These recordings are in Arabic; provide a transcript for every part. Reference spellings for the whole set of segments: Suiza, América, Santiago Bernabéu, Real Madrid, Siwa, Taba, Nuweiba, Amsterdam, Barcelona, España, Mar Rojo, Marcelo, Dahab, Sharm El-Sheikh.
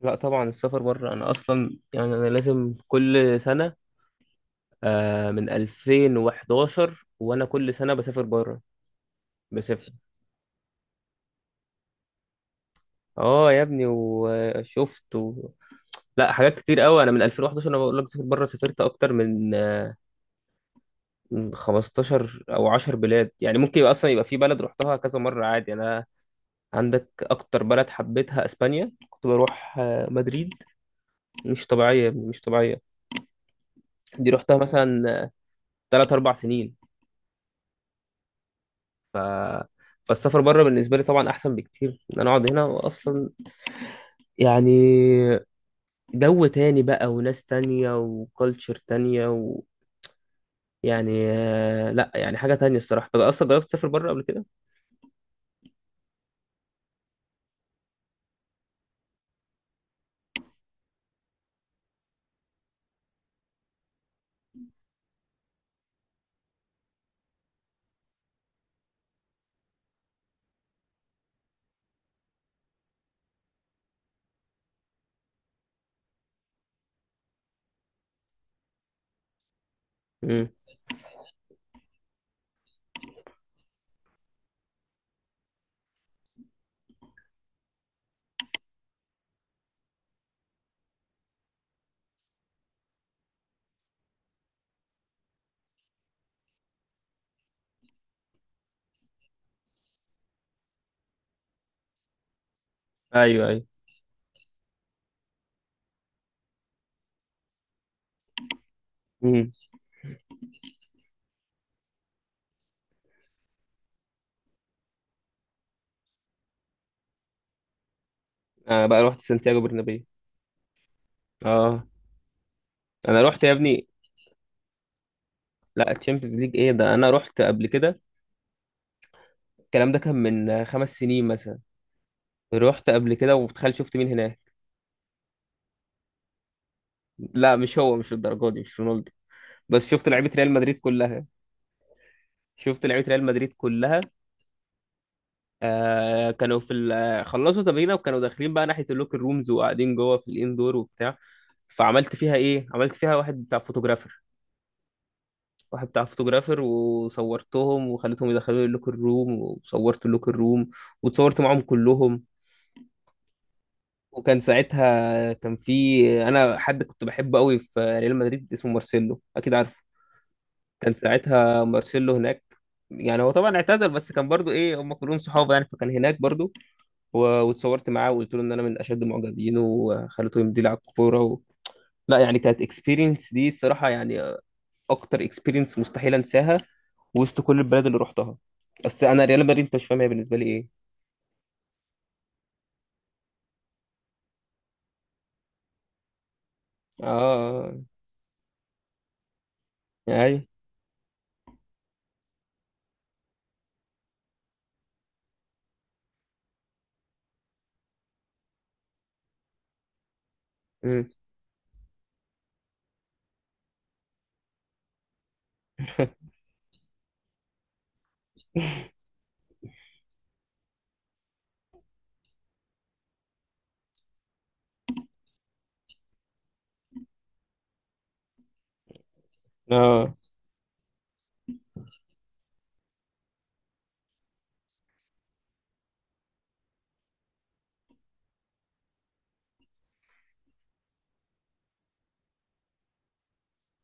لا طبعا السفر بره انا اصلا يعني انا لازم كل سنه. من 2011 وانا كل سنه بسافر بره بسافر اه يا ابني، وشفت لا، حاجات كتير قوي. انا من 2011 انا بقول لك سافر بره، سافرت اكتر من 15 او 10 بلاد. يعني ممكن يبقى اصلا يبقى في بلد رحتها كذا مره عادي. انا عندك اكتر بلد حبيتها اسبانيا، كنت بروح مدريد. مش طبيعيه يا ابني، مش طبيعيه. دي رحتها مثلا 3 4 سنين ف... فالسفر بره بالنسبه لي طبعا احسن بكتير ان انا اقعد هنا. واصلا يعني جو تاني بقى وناس تانية وكالتشر تانية يعني لا يعني حاجه تانية الصراحه. طب اصلا جربت تسافر بره قبل كده؟ امم. ايوه، ايوه. امم. انا بقى رحت سانتياغو برنابيو. اه، انا رحت يا ابني. لا، تشامبيونز ليج ايه ده، انا رحت قبل كده. الكلام ده كان من خمس سنين مثلا. رحت قبل كده وتخيل شفت مين هناك. لا مش هو، مش الدرجه دي، مش رونالدو. بس شفت لعيبه ريال مدريد كلها. شفت لعيبه ريال مدريد كلها. آه، كانوا في خلصوا تمرينه وكانوا داخلين بقى ناحيه اللوكر رومز، وقاعدين جوه في الاندور وبتاع. فعملت فيها ايه، عملت فيها واحد بتاع فوتوغرافر، وصورتهم وخليتهم يدخلوا لي اللوكر روم، وصورت اللوكر روم، واتصورت معاهم كلهم. وكان ساعتها كان في، انا حد كنت بحبه قوي في ريال مدريد اسمه مارسيلو، اكيد عارفه. كان ساعتها مارسيلو هناك. يعني هو طبعا اعتزل بس كان برضو ايه، هم كلهم صحابه يعني، فكان هناك برضو. و- واتصورت معاه وقلت له ان انا من اشد معجبينه، وخليته يمضي لي على الكوره لا يعني كانت اكسبيرينس دي الصراحه يعني اكتر اكسبيرينس مستحيل انساها وسط كل البلاد اللي رحتها. اصل انا ريال مدريد انت مش فاهم هي بالنسبه لي ايه. اه. آه، ايوه. امم. اه،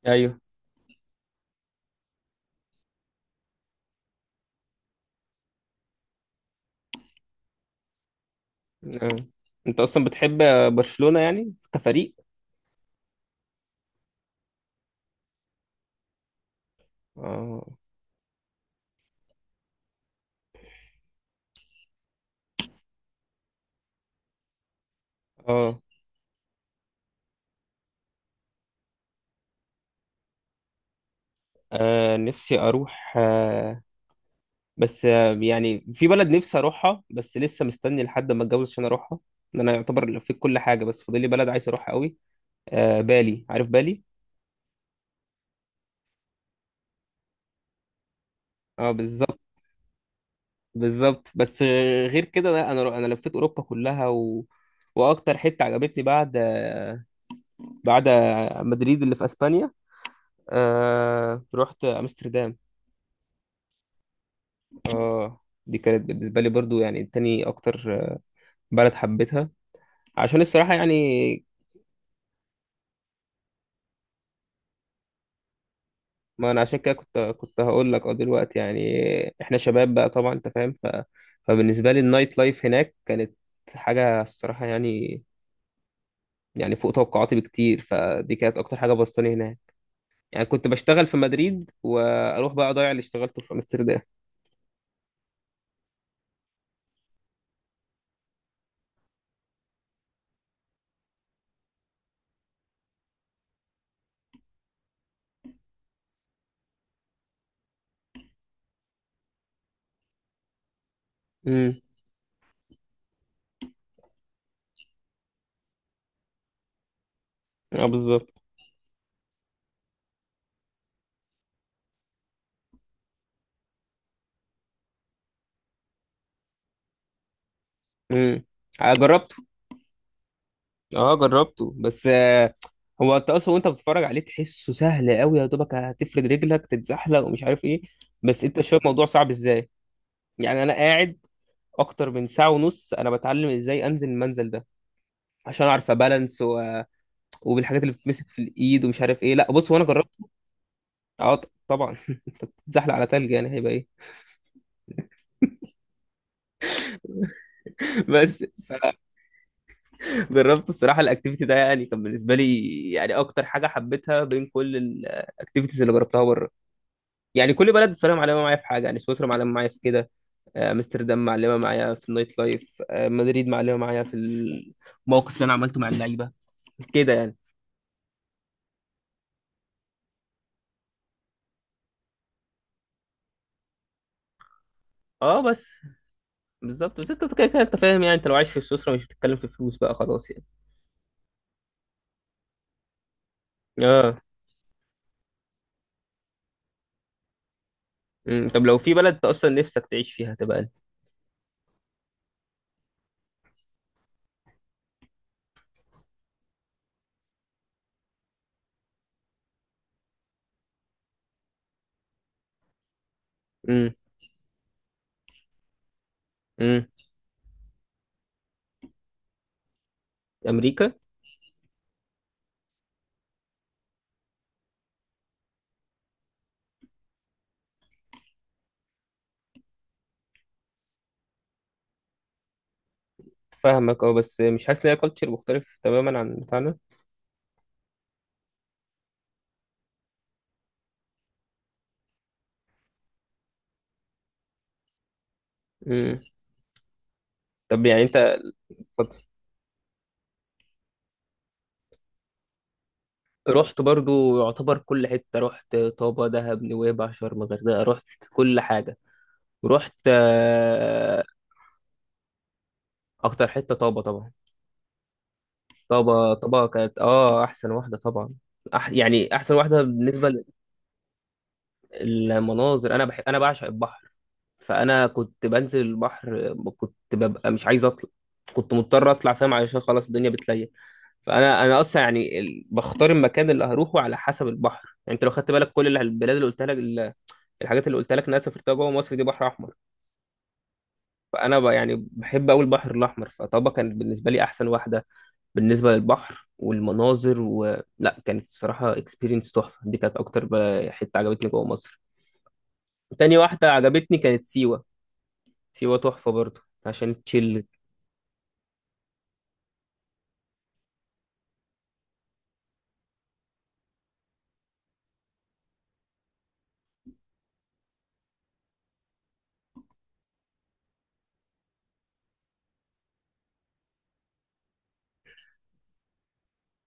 ايوه. آه. انت اصلا بتحب برشلونه يعني كفريق؟ اه. اه. نفسي اروح، آه، بس آه، يعني في بلد نفسي اروحها بس لسه مستني لحد ما اتجوز عشان اروحها. ان انا يعتبر لفيت كل حاجه بس فاضل لي بلد عايز اروحها قوي. آه، بالي عارف بالي. اه بالظبط. بالظبط. بس غير كده لا، انا لفيت اوروبا كلها واكتر حته عجبتني بعد بعد مدريد اللي في اسبانيا، رحت امستردام. اه. دي كانت بالنسبه لي برضو يعني تاني اكتر بلد حبيتها، عشان الصراحه يعني، ما انا عشان كده كنت هقول لك اه دلوقتي يعني احنا شباب بقى طبعا انت فاهم. فبالنسبه لي النايت لايف هناك كانت حاجه الصراحه يعني، يعني فوق توقعاتي بكتير. فدي كانت اكتر حاجه بسطاني هناك يعني. كنت بشتغل في مدريد واروح بقى اضيع اللي اشتغلته في امستردام. امم. اه بالظبط. امم. جربته. اه جربته. بس هو انت اصلا وانت بتتفرج عليه تحسه سهل قوي، يا دوبك هتفرد رجلك تتزحلق ومش عارف ايه، بس انت شايف الموضوع صعب ازاي. يعني انا قاعد اكتر من ساعه ونص انا بتعلم ازاي انزل المنزل ده، عشان اعرف ابالانس وبالحاجات اللي بتمسك في الايد ومش عارف ايه. لا بص، وانا جربت. اه طبعا انت بتتزحلق على تلج يعني هيبقى ايه. بس. فجربت الصراحه الاكتيفيتي ده، يعني كان بالنسبه لي يعني اكتر حاجه حبيتها بين كل الاكتيفيتيز اللي جربتها بره. يعني كل بلد الصراحه معلمه معايا في حاجه. يعني سويسرا معلمه معايا في كده، امستردام معلمه معايا في النايت لايف، مدريد معلمه معايا في الموقف اللي انا عملته مع اللعيبه كده يعني. اه بس. بالظبط، بس انت كده كده انت فاهم يعني، انت لو عايش في سويسرا مش بتتكلم في فلوس بقى، خلاص يعني. اه. امم. طب لو في بلد انت اصلا نفسك تعيش فيها هتبقى ايه؟ امم. امم. امريكا. فاهمك، اه، بس مش حاسس ان هي كالتشر مختلف تماما عن بتاعنا؟ امم. طب يعني انت، اتفضل. رحت برضو يعتبر كل حته، رحت طابا، دهب، نويبع، شرم، الغردقه، رحت كل حاجه. رحت آه، اكتر حته طابا طبعا. طابا كانت اه احسن واحده طبعا. يعني احسن واحده بالنسبه، المناظر. انا بحب، انا بعشق البحر. فانا كنت بنزل البحر كنت ببقى مش عايز اطلع، كنت مضطر اطلع فاهم، علشان خلاص الدنيا بتليل. فانا اصلا يعني بختار المكان اللي هروحه على حسب البحر. يعني انت لو خدت بالك كل البلاد اللي قلت لك الحاجات اللي قلت لك إن انا سافرتها جوه مصر دي بحر احمر. فانا يعني بحب قوي البحر الاحمر، فطبعا كانت بالنسبه لي احسن واحده بالنسبه للبحر والمناظر لا كانت الصراحه اكسبيرينس تحفه. دي كانت اكتر حته عجبتني جوه مصر. تاني واحده عجبتني كانت سيوه. سيوة تحفة برضو، عشان تشيل.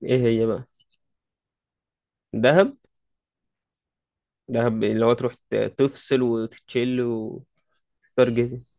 ايه هي بقى؟ دهب. دهب اللي هو تروح تفصل وتتشيل وستار